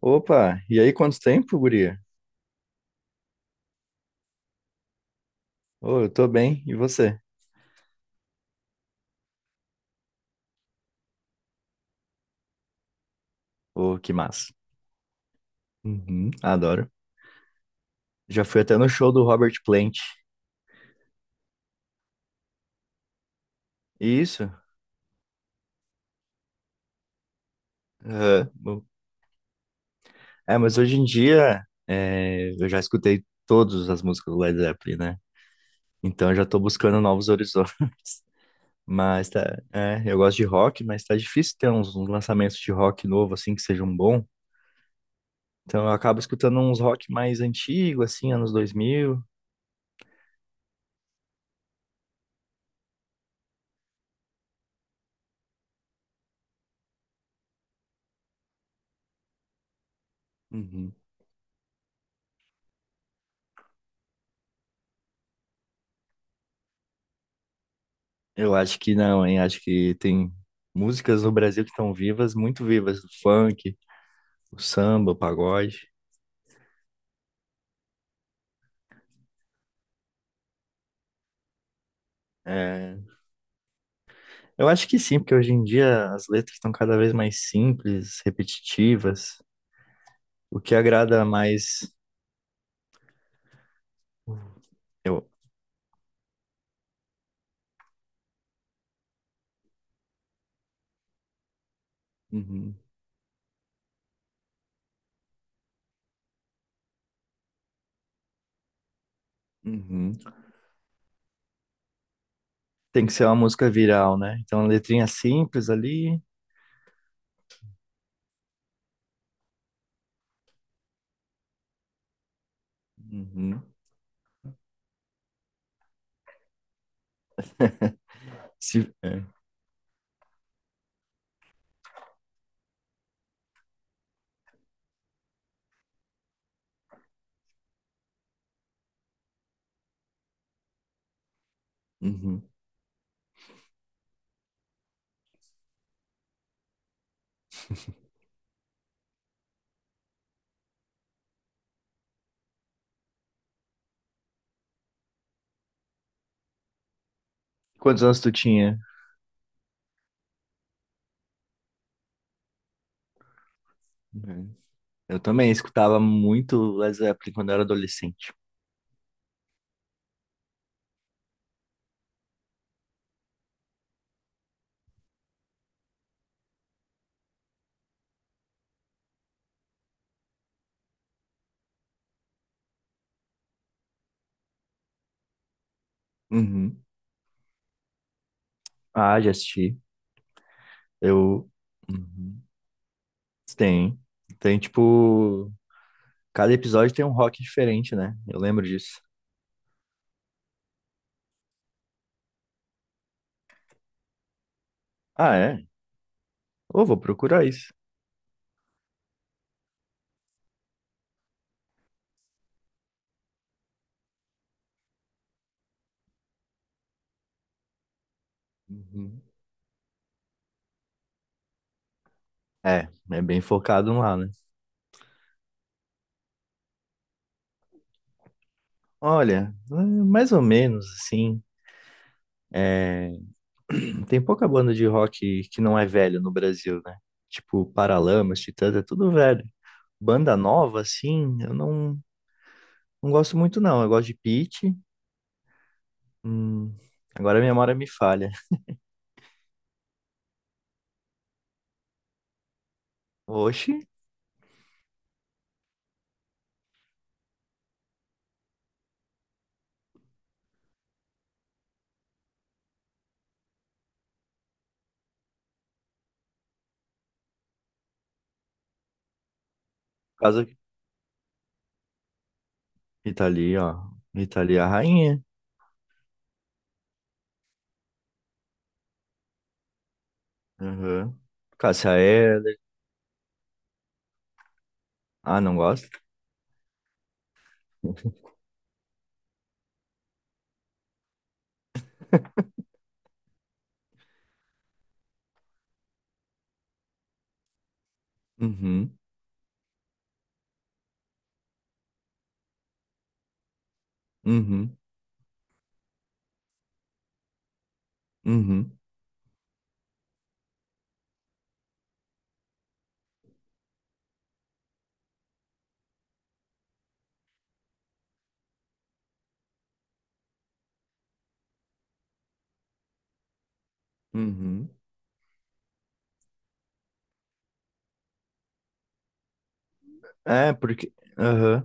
Opa, e aí, quanto tempo, guria? Ô, eu tô bem, e você? Ô, que massa. Uhum, adoro. Já fui até no show do Robert Plant. Isso? Aham, bom. Mas hoje em dia eu já escutei todas as músicas do Led Zeppelin, né? Então eu já tô buscando novos horizontes. Mas tá, é, eu gosto de rock, mas tá difícil ter uns lançamentos de rock novo, assim, que sejam bons. Então eu acabo escutando uns rock mais antigo, assim, anos 2000. Uhum. Eu acho que não, hein? Acho que tem músicas no Brasil que estão vivas, muito vivas. O funk, o samba, o pagode. É, eu acho que sim, porque hoje em dia as letras estão cada vez mais simples, repetitivas. O que agrada mais. Eu... Uhum, uhum. Tem que ser uma música viral, né? Então, uma letrinha simples ali. Uhum. Se... é, uhum. Quantos anos tu tinha? Uhum. Eu também escutava muito Led Zeppelin quando eu era adolescente. Uhum. Ah, já assisti. Eu. Uhum. Tem. Tem, tipo. Cada episódio tem um rock diferente, né? Eu lembro disso. Ah, é? Ô, vou procurar isso. Uhum. É, é bem focado lá, né? Olha, é mais ou menos assim. Tem pouca banda de rock que não é velha no Brasil, né? Tipo, Paralamas, Titãs, é tudo velho. Banda nova, assim, eu não, não gosto muito, não. Eu gosto de Pitty. Hum, agora a memória me falha. Oxi, por causa, Itali, ó. Itali, é a rainha. Aham. Cássia Eller. Ah, não gosto? Uhum, uhum, uhum, uhum. É, porque. Aham.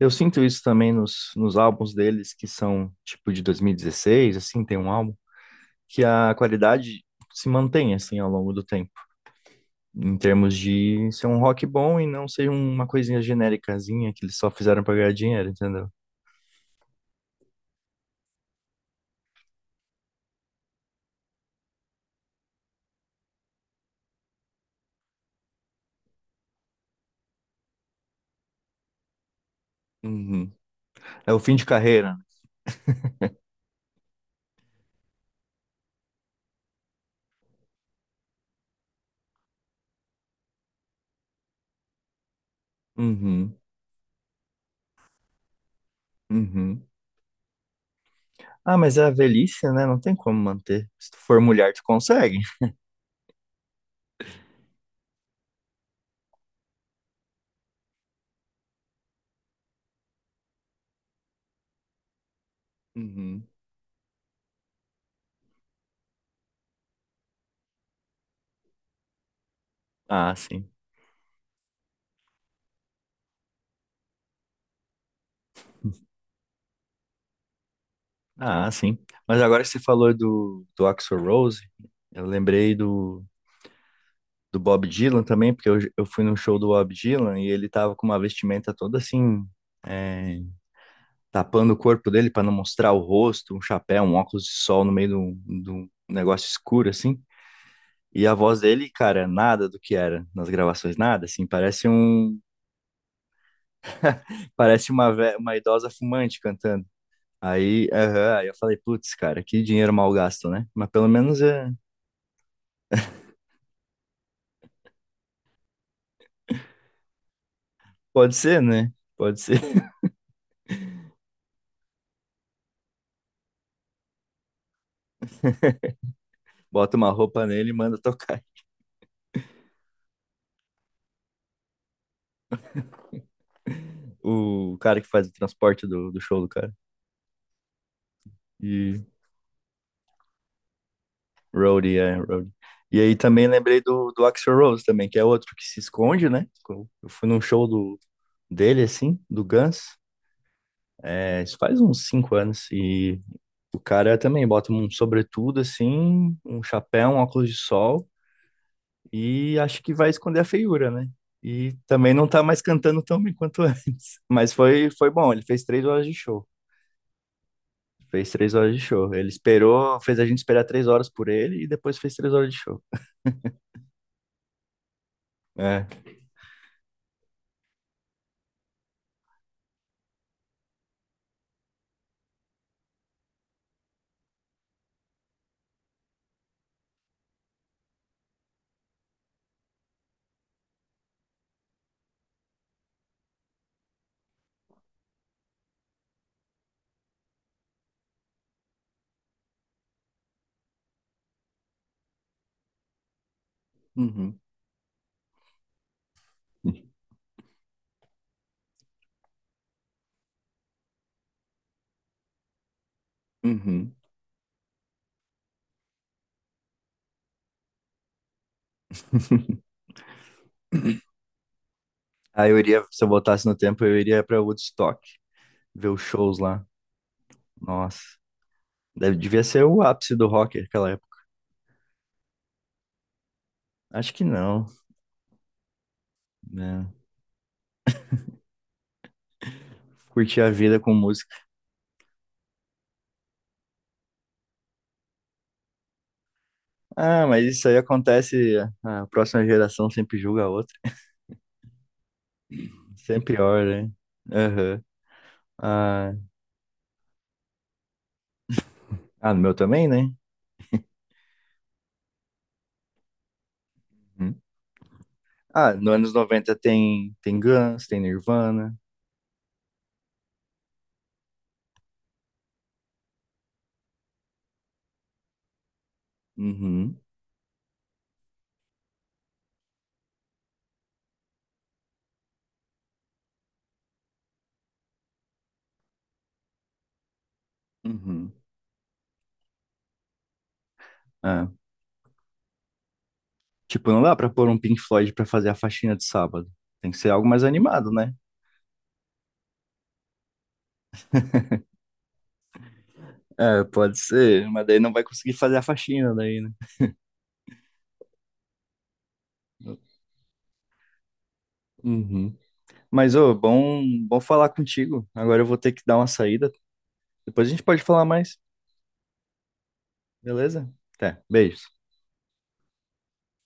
Eu sinto isso também nos álbuns deles, que são tipo de 2016, assim, tem um álbum, que a qualidade se mantém, assim, ao longo do tempo. Em termos de ser um rock bom e não ser uma coisinha genéricazinha que eles só fizeram pra ganhar dinheiro, entendeu? Uhum. É o fim de carreira, né? Uhum, uhum. Ah, mas é a velhice, né? Não tem como manter. Se tu for mulher, tu consegue. Uhum. Ah, sim. Ah, sim. Mas agora que você falou do Axl Rose, eu lembrei do Bob Dylan também, porque eu fui num show do Bob Dylan e ele tava com uma vestimenta toda assim, é, tapando o corpo dele para não mostrar o rosto, um chapéu, um óculos de sol no meio de um negócio escuro, assim. E a voz dele, cara, nada do que era nas gravações, nada, assim, parece uma, uma idosa fumante cantando. Aí, aham, aí eu falei, putz, cara, que dinheiro mal gasto, né? Mas pelo menos é, pode ser, né? Pode ser. Bota uma roupa nele e manda tocar. O cara que faz o transporte do show do cara. E roadie, é, roadie. E aí também lembrei do Axl Rose também, que é outro que se esconde, né? Eu fui num show do, dele, assim, do Guns. É, isso faz uns 5 anos. E o cara também bota um sobretudo, assim, um chapéu, um óculos de sol. E acho que vai esconder a feiura, né? E também não tá mais cantando tão bem quanto antes. Mas foi bom, ele fez 3 horas de show. Fez três horas de show. Ele esperou, fez a gente esperar 3 horas por ele e depois fez 3 horas de show. É. Uhum. Uhum. Aí eu iria, se eu voltasse no tempo, eu iria pra Woodstock, ver os shows lá. Nossa. Devia ser o ápice do rock naquela época. Acho que não, né? Curtir a vida com música. Ah, mas isso aí acontece, a próxima geração sempre julga a outra. Sempre pior, né? Aham. Ah, ah, no meu também, né? Uhum. Ah, nos anos 90 tem, tem Guns, tem Nirvana. Uhum. Uhum. Ah, tipo, não dá pra pôr um Pink Floyd pra fazer a faxina de sábado. Tem que ser algo mais animado, né? É, pode ser, mas daí não vai conseguir fazer a faxina daí, né? Uhum. Mas, ô, bom, bom falar contigo. Agora eu vou ter que dar uma saída. Depois a gente pode falar mais, beleza? Até, beijos.